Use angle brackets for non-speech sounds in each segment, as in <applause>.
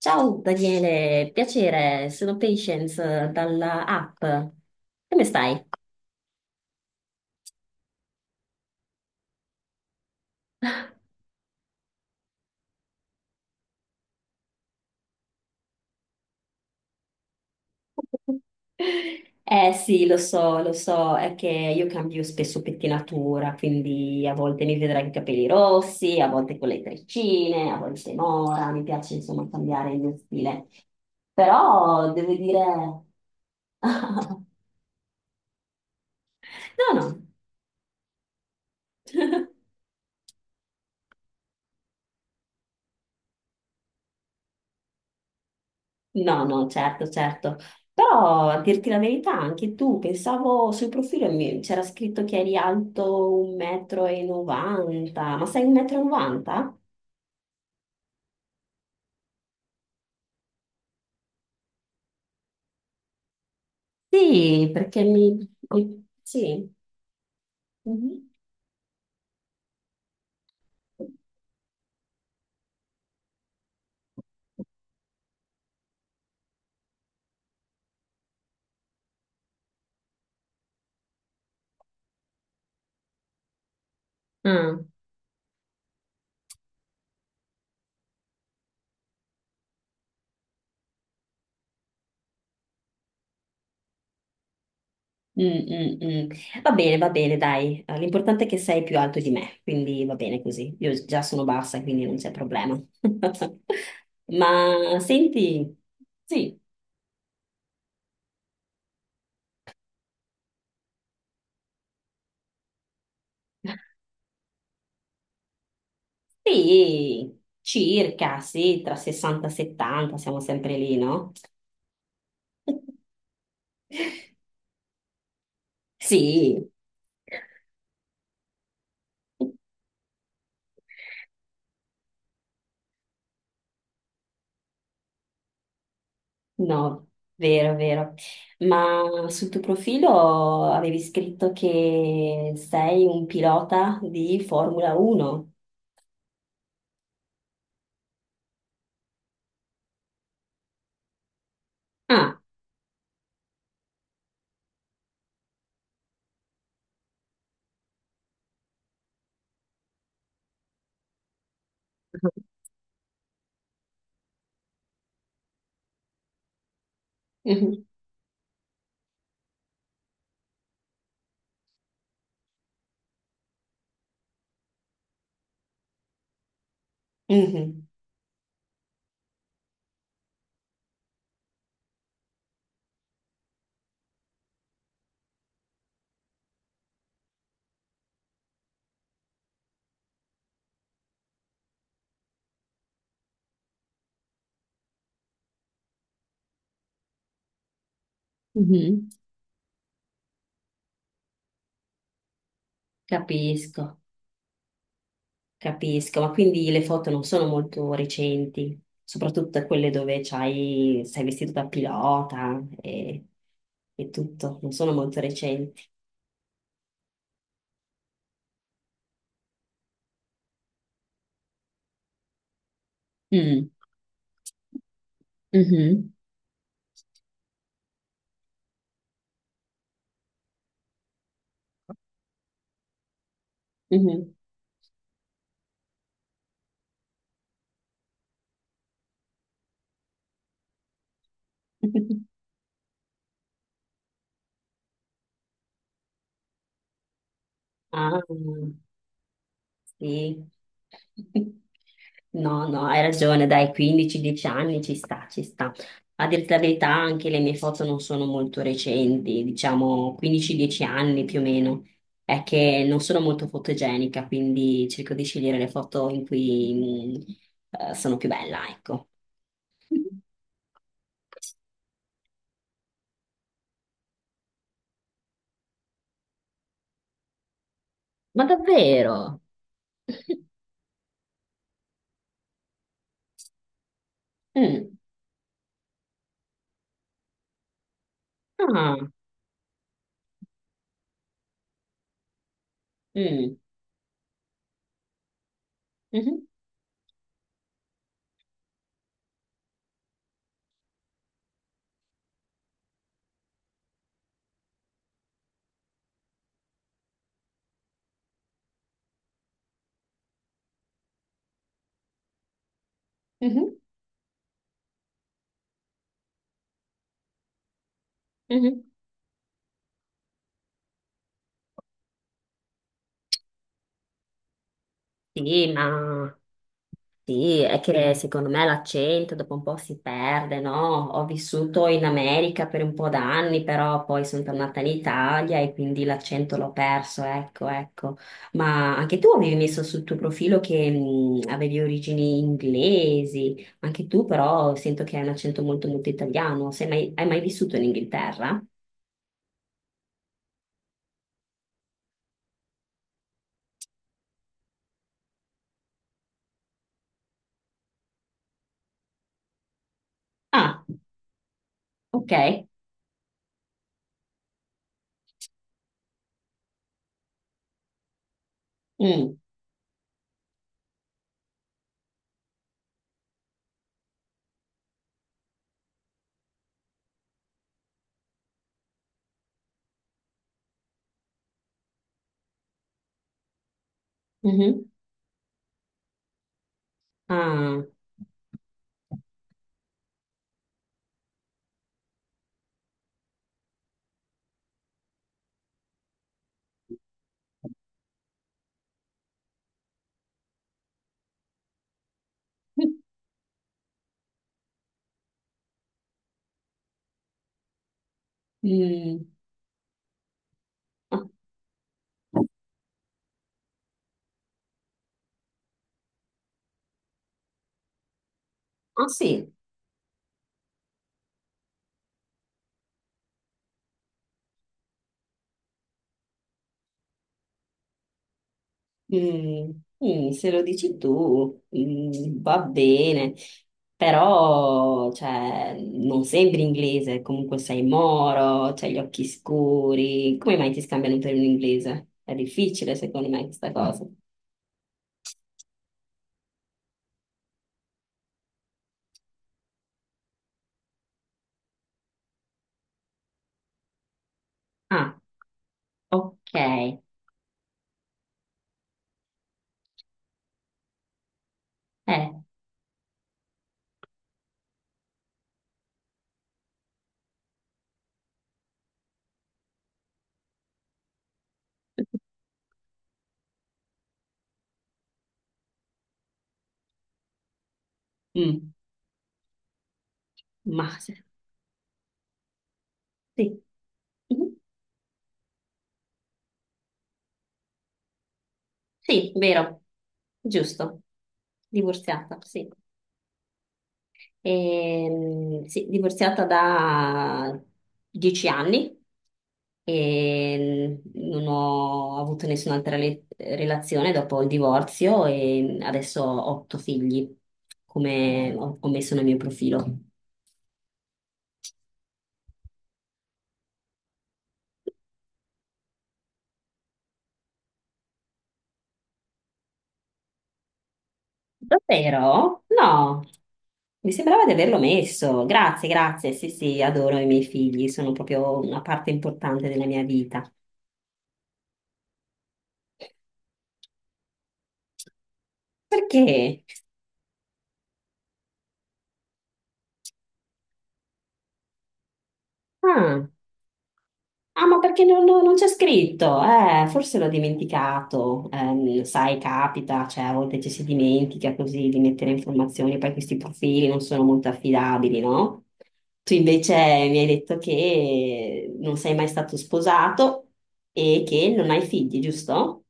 Ciao Daniele, piacere, sono Patience dalla app. Come stai? <laughs> Eh sì, lo so, è che io cambio spesso pettinatura, quindi a volte mi vedrai con i capelli rossi, a volte con le treccine, a volte mora, mi piace insomma cambiare il mio stile. Però devo dire. <laughs> No, no. <laughs> No, no, certo, certo. Però a dirti la verità, anche tu, pensavo sul profilo c'era scritto che eri alto 1,90 m, ma sei 1,90 m? Sì, perché sì. Mhm. Ah, mm, mm, mm. Va bene, dai. L'importante è che sei più alto di me, quindi va bene così. Io già sono bassa, quindi non c'è problema. <laughs> Ma senti, sì. Sì, circa, sì, tra 60 e 70, siamo sempre lì, no? Sì, no, vero, vero. Ma sul tuo profilo avevi scritto che sei un pilota di Formula 1. Ah, <laughs> mhm, mhm, mhm, capisco. Capisco, ma quindi le foto non sono molto recenti, soprattutto quelle dove c'hai, sei vestito da pilota e tutto, non sono molto recenti. Mm. Mhm. Mhm. <laughs> Ah, sì. <laughs> No, no, hai ragione, dai, 15-10 anni ci sta, ci sta. A dirti la verità, anche le mie foto non sono molto recenti, diciamo 15-10 anni più o meno. È che non sono molto fotogenica, quindi cerco di scegliere le foto in cui sono più bella, ecco. <laughs> Ma davvero? <laughs> Mm. Ah, mm. Mhm, mhm, mhm. Sì, ma sì, è che secondo me l'accento dopo un po' si perde, no? Ho vissuto in America per un po' d'anni, però poi sono tornata in Italia e quindi l'accento l'ho perso, ecco, ecco. Ma anche tu avevi messo sul tuo profilo che avevi origini inglesi, anche tu però sento che hai un accento molto molto italiano. Sei mai- Hai mai vissuto in Inghilterra? Ah, ok. Mm, mhm. Ah, mm. Ah, ah, sì. Mm, mm, se lo dici tu, mm, va bene, però cioè, non sembri inglese, comunque sei moro, c'hai gli occhi scuri, come mai ti scambiano per un inglese? È difficile secondo me questa cosa. Ah, ok, mm, ma se- sì, mhm. Sì, vero, giusto, divorziata, sì. Sì, divorziata da 10 anni e non ho avuto nessun'altra relazione dopo il divorzio e adesso ho otto figli, come ho messo nel mio profilo. Davvero? No, mi sembrava di averlo messo. Grazie, grazie. Sì, sì, adoro i miei figli, sono proprio una parte importante della mia vita. Perché? Ah. Ah, ma perché non c'è scritto? Forse l'ho dimenticato. Sai, capita, cioè a volte ci si dimentica così di mettere informazioni, poi questi profili non sono molto affidabili, no? Tu invece mi hai detto che non sei mai stato sposato e che non hai figli, giusto?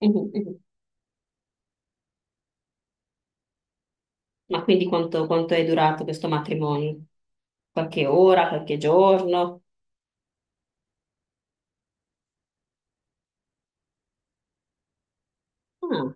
Mhm, mhm. Ma quindi quanto è durato questo matrimonio? Qualche ora, qualche giorno? Ah,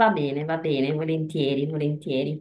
va bene, volentieri, volentieri.